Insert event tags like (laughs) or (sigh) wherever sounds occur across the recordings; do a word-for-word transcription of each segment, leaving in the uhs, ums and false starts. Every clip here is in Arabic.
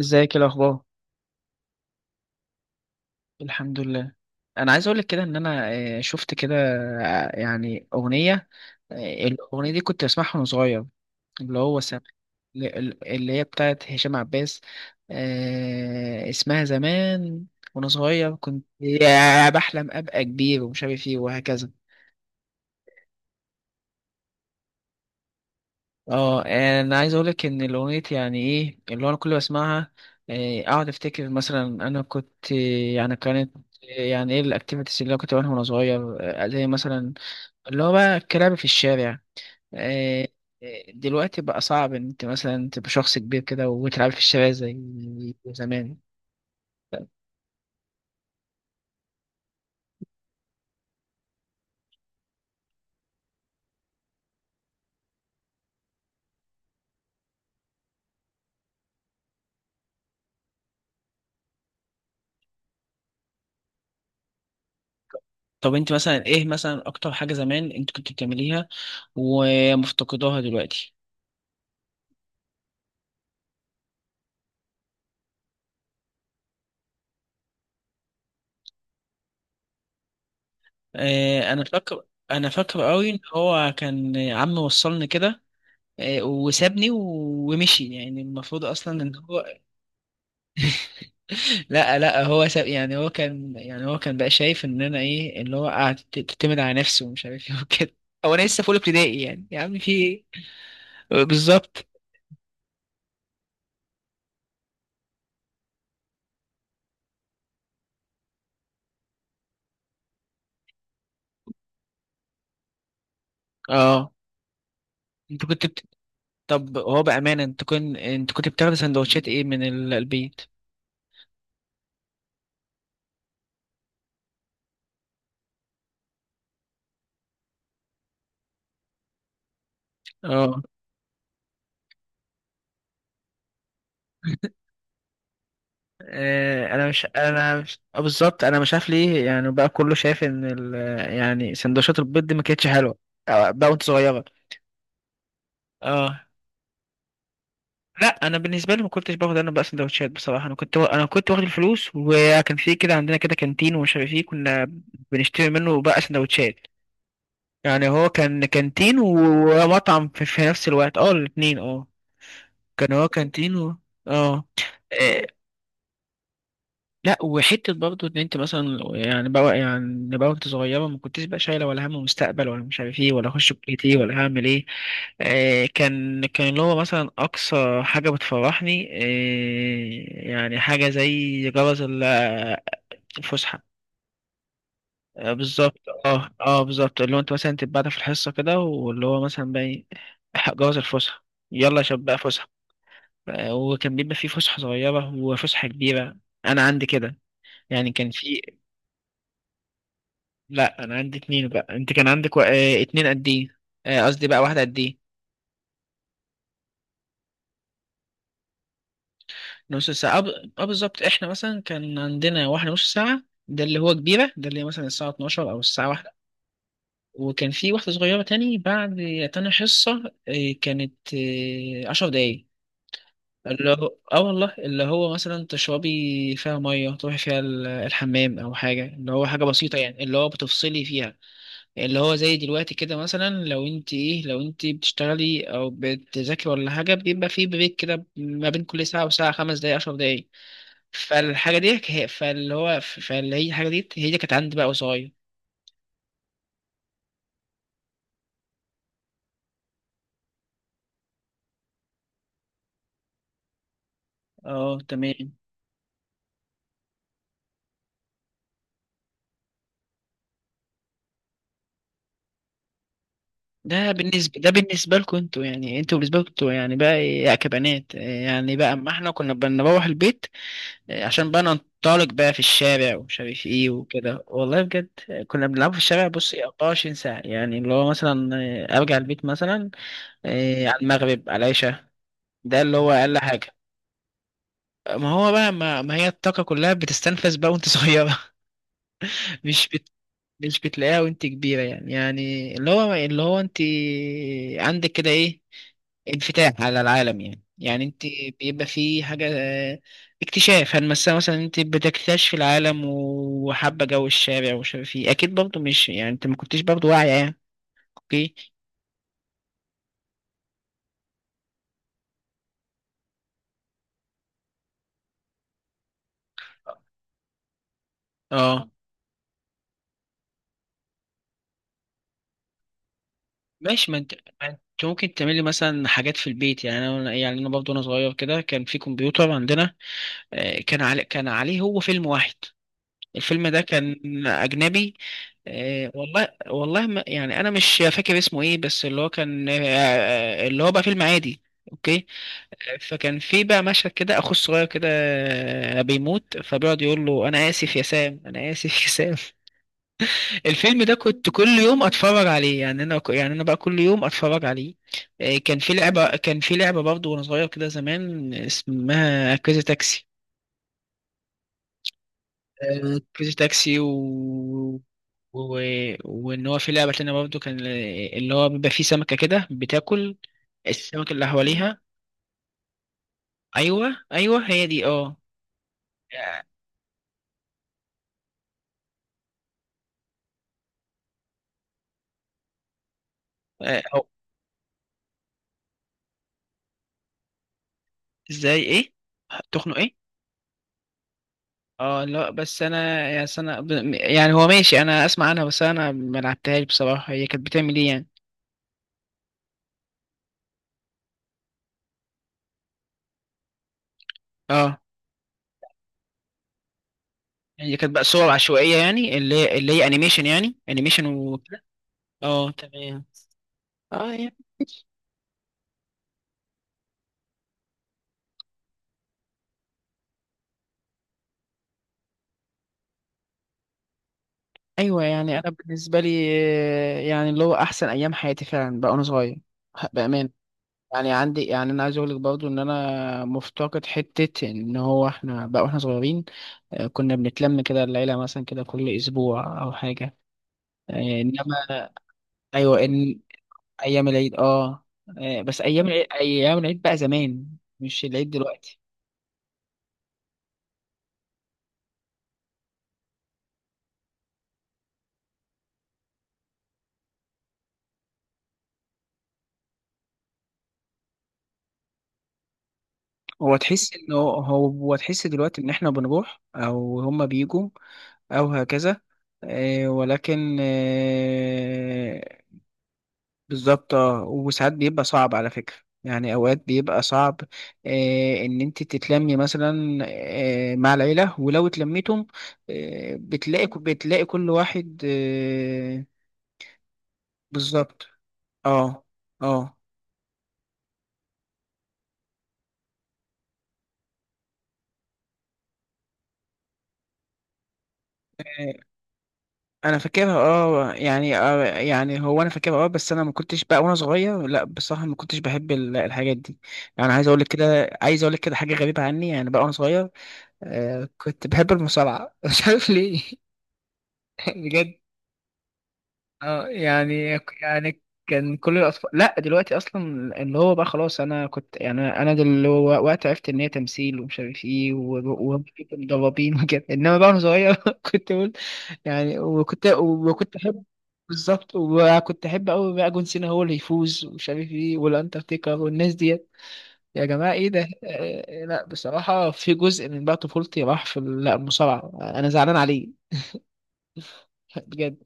ازيك، ايه الاخبار؟ الحمد لله. انا عايز اقول لك كده ان انا آه، شفت كده. آه، يعني اغنيه. آه، الاغنيه دي كنت بسمعها وانا صغير. اللي هو سم... اللي هي بتاعت هشام عباس. آه، اسمها زمان. وانا صغير كنت يا بحلم ابقى كبير ومش عارف ايه وهكذا. اه، انا عايز اقولك ان الاغنية يعني ايه اللي هو انا كل ما اسمعها إيه، اقعد افتكر مثلا انا كنت، يعني كانت، يعني ايه الاكتيفيتيز اللي انا كنت بعملها وانا صغير. آه، زي مثلا اللي هو بقى الكلام في الشارع. آه، آه، دلوقتي بقى صعب ان انت مثلا تبقى شخص كبير كده وتلعب في الشارع زي زمان. طب انت مثلا ايه مثلا اكتر حاجة زمان انت كنت بتعمليها ومفتقداها دلوقتي؟ آه، انا فاكر، انا فاكر قوي ان هو كان عمي وصلني كده. آه، وسابني و- ومشي. يعني المفروض اصلا ان هو (laughs) لا لا، هو ساب. يعني هو كان، يعني هو كان بقى شايف ان انا ايه، اللي هو قاعد ت- تعتمد على نفسه ومش عارف ايه (laughs) وكده. هو انا لسه في اولى ابتدائي يعني، يا عم في ايه؟ بالظبط. اه. انت كنت بت... طب هو بامانه، انت كنت، انت كنت بتاخد سندوتشات ايه من ال- البيت؟ اه. (laughs) آه، انا مش انا مش... آه، بالظبط انا مش عارف ليه. يعني بقى كله شايف ان ال... يعني سندوتشات البيض دي ما كانتش حلوه آه، بقى وانت صغيره. اه. لا انا بالنسبه لي ما كنتش باخد انا بقى سندوتشات بصراحه. انا كنت انا كنت واخد الفلوس، وكان في كده عندنا كده كانتين ومش عارف ايه، كنا بنشتري منه بقى سندوتشات. يعني هو كان كانتين ومطعم في, في نفس الوقت. اه، الاتنين. اه. كان هو كانتين و... اه. آه، لا وحته برضو ان انت مثلا يعني بقى، يعني بقى وانت صغيره ما كنتش بقى شايله ولا هم مستقبل ولا مش عارف ايه، ولا اخش كليه ايه، ولا هعمل ايه. آه كان، كان اللي هو مثلا اقصى حاجه بتفرحني آه يعني حاجه زي جرس ال- الفسحه. آه بالظبط. اه اه بالظبط. اللي هو انت مثلا تبقى في الحصه كده، واللي هو مثلا بقى إيه، جرس الفسحه، يلا يا شباب بقى فسحه. آه، وكان بيبقى في فسحه صغيره وفسحه كبيره. انا عندي كده يعني كان في. لا انا عندي اتنين بقى، انت كان عندك و... آه، اتنين قد ايه؟ آه، قصدي بقى واحده قد ايه. نص ساعه، اه ب- آه، بالظبط. احنا مثلا كان عندنا واحده نص ساعه، ده اللي هو كبيره. ده اللي هي مثلا الساعه الثانية عشرة او الساعه واحدة. وكان في واحده صغيره، تاني، بعد تاني حصه، آه، كانت آه، 10 دقايق، اللي هو اه والله اللي هو مثلا تشربي فيها ميه، تروحي فيها ال- الحمام، او حاجه. اللي هو حاجه بسيطه يعني، اللي هو بتفصلي فيها، اللي هو زي دلوقتي كده، مثلا لو انت ايه، لو انت بتشتغلي او بتذاكري ولا حاجه بيبقى في بريك كده ما بين كل ساعه وساعه، خمس دقايق، عشر دقايق. فالحاجه دي هي- فاللي هو فاللي هي الحاجه دي هي دي كانت عندي بقى قصير. اه تمام. ده بالنسبه ده بالنسبه لكم انتوا، يعني انتوا بالنسبه لكم انتوا يعني بقى ايه يا كبنات؟ يعني بقى اما احنا كنا بنروح البيت عشان بقى ننطلق بقى في الشارع ومش عارف ايه وكده، والله بجد كنا بنلعب في الشارع بص إيه 24 ساعة، يعني اللي هو مثلا آه، ارجع البيت مثلا آه، على المغرب على العشاء، ده اللي هو اقل حاجة. ما هو بقى ما, ما هي الطاقة كلها بتستنفذ بقى وانت صغيرة. (laughs) مش، مش بتلاقيها وانت كبيرة. يعني، يعني اللي هو، اللي هو انت عندك كده ايه، انفتاح على العالم. يعني، يعني انت بيبقى في حاجة آه، اكتشاف. هل مثلا، مثلا انت بتكتشف العالم وحابة جو الشارع ومش عارف ايه، اكيد برضه مش يعني انت ما كنتش برضه واعية يعني. اوكي. اه ماشي. ما انت ما انت ممكن تعملي مثلا حاجات في البيت. يعني انا، يعني انا برضه وانا صغير كده كان في كمبيوتر عندنا. آه، كان عليه كان عليه هو فيلم واحد. الفيلم ده كان أجنبي. آه، والله والله ما يعني أنا مش فاكر اسمه إيه. بس اللي هو كان آه، آه، اللي هو بقى فيلم عادي. أوكي. فكان في بقى مشهد كده، أخو الصغير كده آه، بيموت، فبيقعد يقول له أنا آسف يا سام، أنا آسف يا سام. (laughs) الفيلم ده كنت كل يوم أتفرج عليه، يعني أنا، يعني أنا بقى كل يوم أتفرج عليه. آه، كان في لعبة كان في لعبة برضه وأنا صغير كده زمان، اسمها كريزي تاكسي. آه، كريزي تاكسي و... و... وان هو في لعبه تانية برضه كان اللي هو بيبقى فيه سمكه كده بتاكل السمك اللي حواليها. ايوه ايوه، هي دي اه. آه، آه، أو ازاي ايه؟ تخنق ايه؟ اه لا، بس انا يا سنة ب- يعني هو ماشي، انا اسمع عنها بس انا ما لعبتهاش بصراحه. هي كانت بتعمل ايه يعني؟ اه. هي كانت بقى صور عشوائيه يعني، اللي هي اللي هي انيميشن يعني، انيميشن و. اه تمام. اه ايوه. يعني انا بالنسبه لي آه، يعني اللي هو احسن ايام حياتي فعلا بقى وانا صغير، بامان. يعني عندي، يعني انا عايز اقول لك برضو ان انا مفتقد حته ان هو احنا بقى واحنا صغيرين آه، كنا بنتلم كده العيله مثلا كده كل اسبوع او حاجه. آه، انما، ايوه ان ايام العيد اه، آه، بس ايام العيد، ايام العيد بقى زمان، مش العيد دلوقتي. هو تحس ان هو، هو تحس دلوقتي ان احنا بنروح او هما بيجوا او هكذا؟ آه، ولكن آه، بالظبط. آه، وساعات بيبقى صعب على فكرة، يعني اوقات بيبقى صعب آه، ان انت تتلمي مثلا آه، مع العيلة، ولو اتلميتم آه، بتلاقي، بتلاقي كل واحد آه، بالظبط. اه. اه انا فاكرها اه، يعني آه يعني هو انا فاكرها اه، بس انا ما كنتش بقى وانا صغير، لا بصراحه ما كنتش بحب ال- الحاجات دي. يعني عايز اقول لك كده، عايز اقول لك كده حاجه غريبه عني، يعني بقى وانا صغير آه كنت بحب المصارعه. (laughs) مش عارف ليه. (laughs) بجد. اه يعني، يعني كان كل الاطفال، لا دلوقتي اصلا، اللي هو بقى خلاص. انا كنت يعني انا دل- هو وقت عرفت ان هي تمثيل ومش عارف ايه وضبابين (laughs) وكده، انما بقى وانا صغير (laughs) كنت اقول يعني. وكنت وكنت احب، بالظبط، وكنت احب قوي بقى جون سينا هو اللي يفوز ومش عارف ايه والانترتيكر والناس ديت. يا جماعه ايه ده؟ آه، لا بصراحه في جزء من بقى طفولتي راح في ال- لا، المصارعه انا زعلان عليه. (laughs) بجد.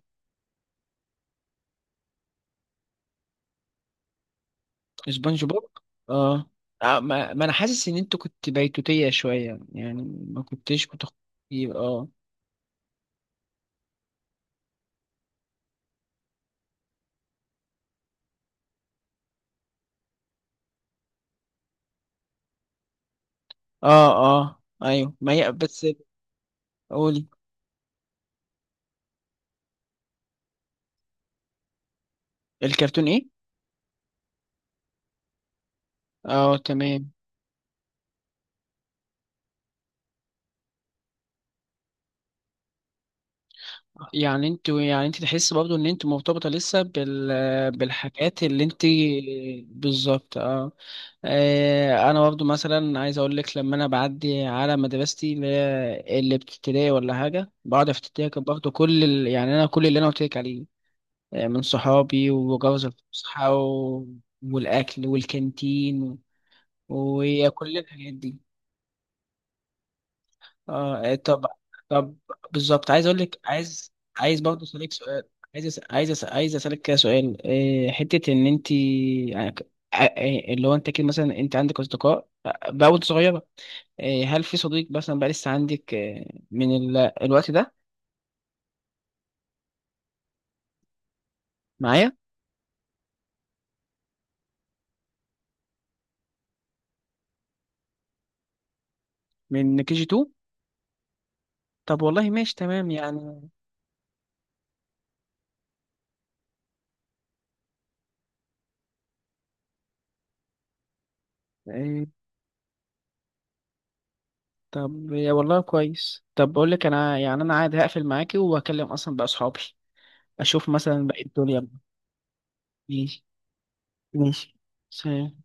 سبونج بوب. اه آه، ما, ما انا حاسس ان انت كنت بيتوتية شوية يعني، ما كنتش بتخ. اه اه اه ايوه، ما هي بس، قولي. الكرتون ايه؟ اه تمام. يعني انت، يعني انت تحس برضو ان انت مرتبطة لسه بال، بالحاجات اللي انت. بالظبط اه. آه، انا برضو مثلا عايز اقول لك، لما انا بعدي على مدرستي اللي هي اللي بتبتدائي ولا حاجه بقعد افتكر برضو كل ال... يعني انا كل اللي انا قلت لك عليه آه، من صحابي وجوز الفسحة و- والأكل والكانتين وكل الحاجات دي. اه آه، طب. طب بالظبط عايز أقول لك، عايز عايز برضه أسألك سؤال. عايز أس- عايز أس- عايز أسألك كده سؤال إيه، حتة إن أنت يعني ك- آه، آه، اللي هو أنت كده مثلا أنت عندك أصدقاء آه، بقى وأنت صغيرة، إيه، هل في صديق مثلا بقى لسه عندك آه، من ال- الوقت ده معايا؟ من كي جي اتنين؟ طب والله ماشي تمام يعني. آه، طب يا والله كويس. طب بقول لك انا يعني انا عادي، هقفل معاكي وهكلم اصلا بقى اصحابي، اشوف مثلا بقى الدنيا. ماشي. ماشي. سلام.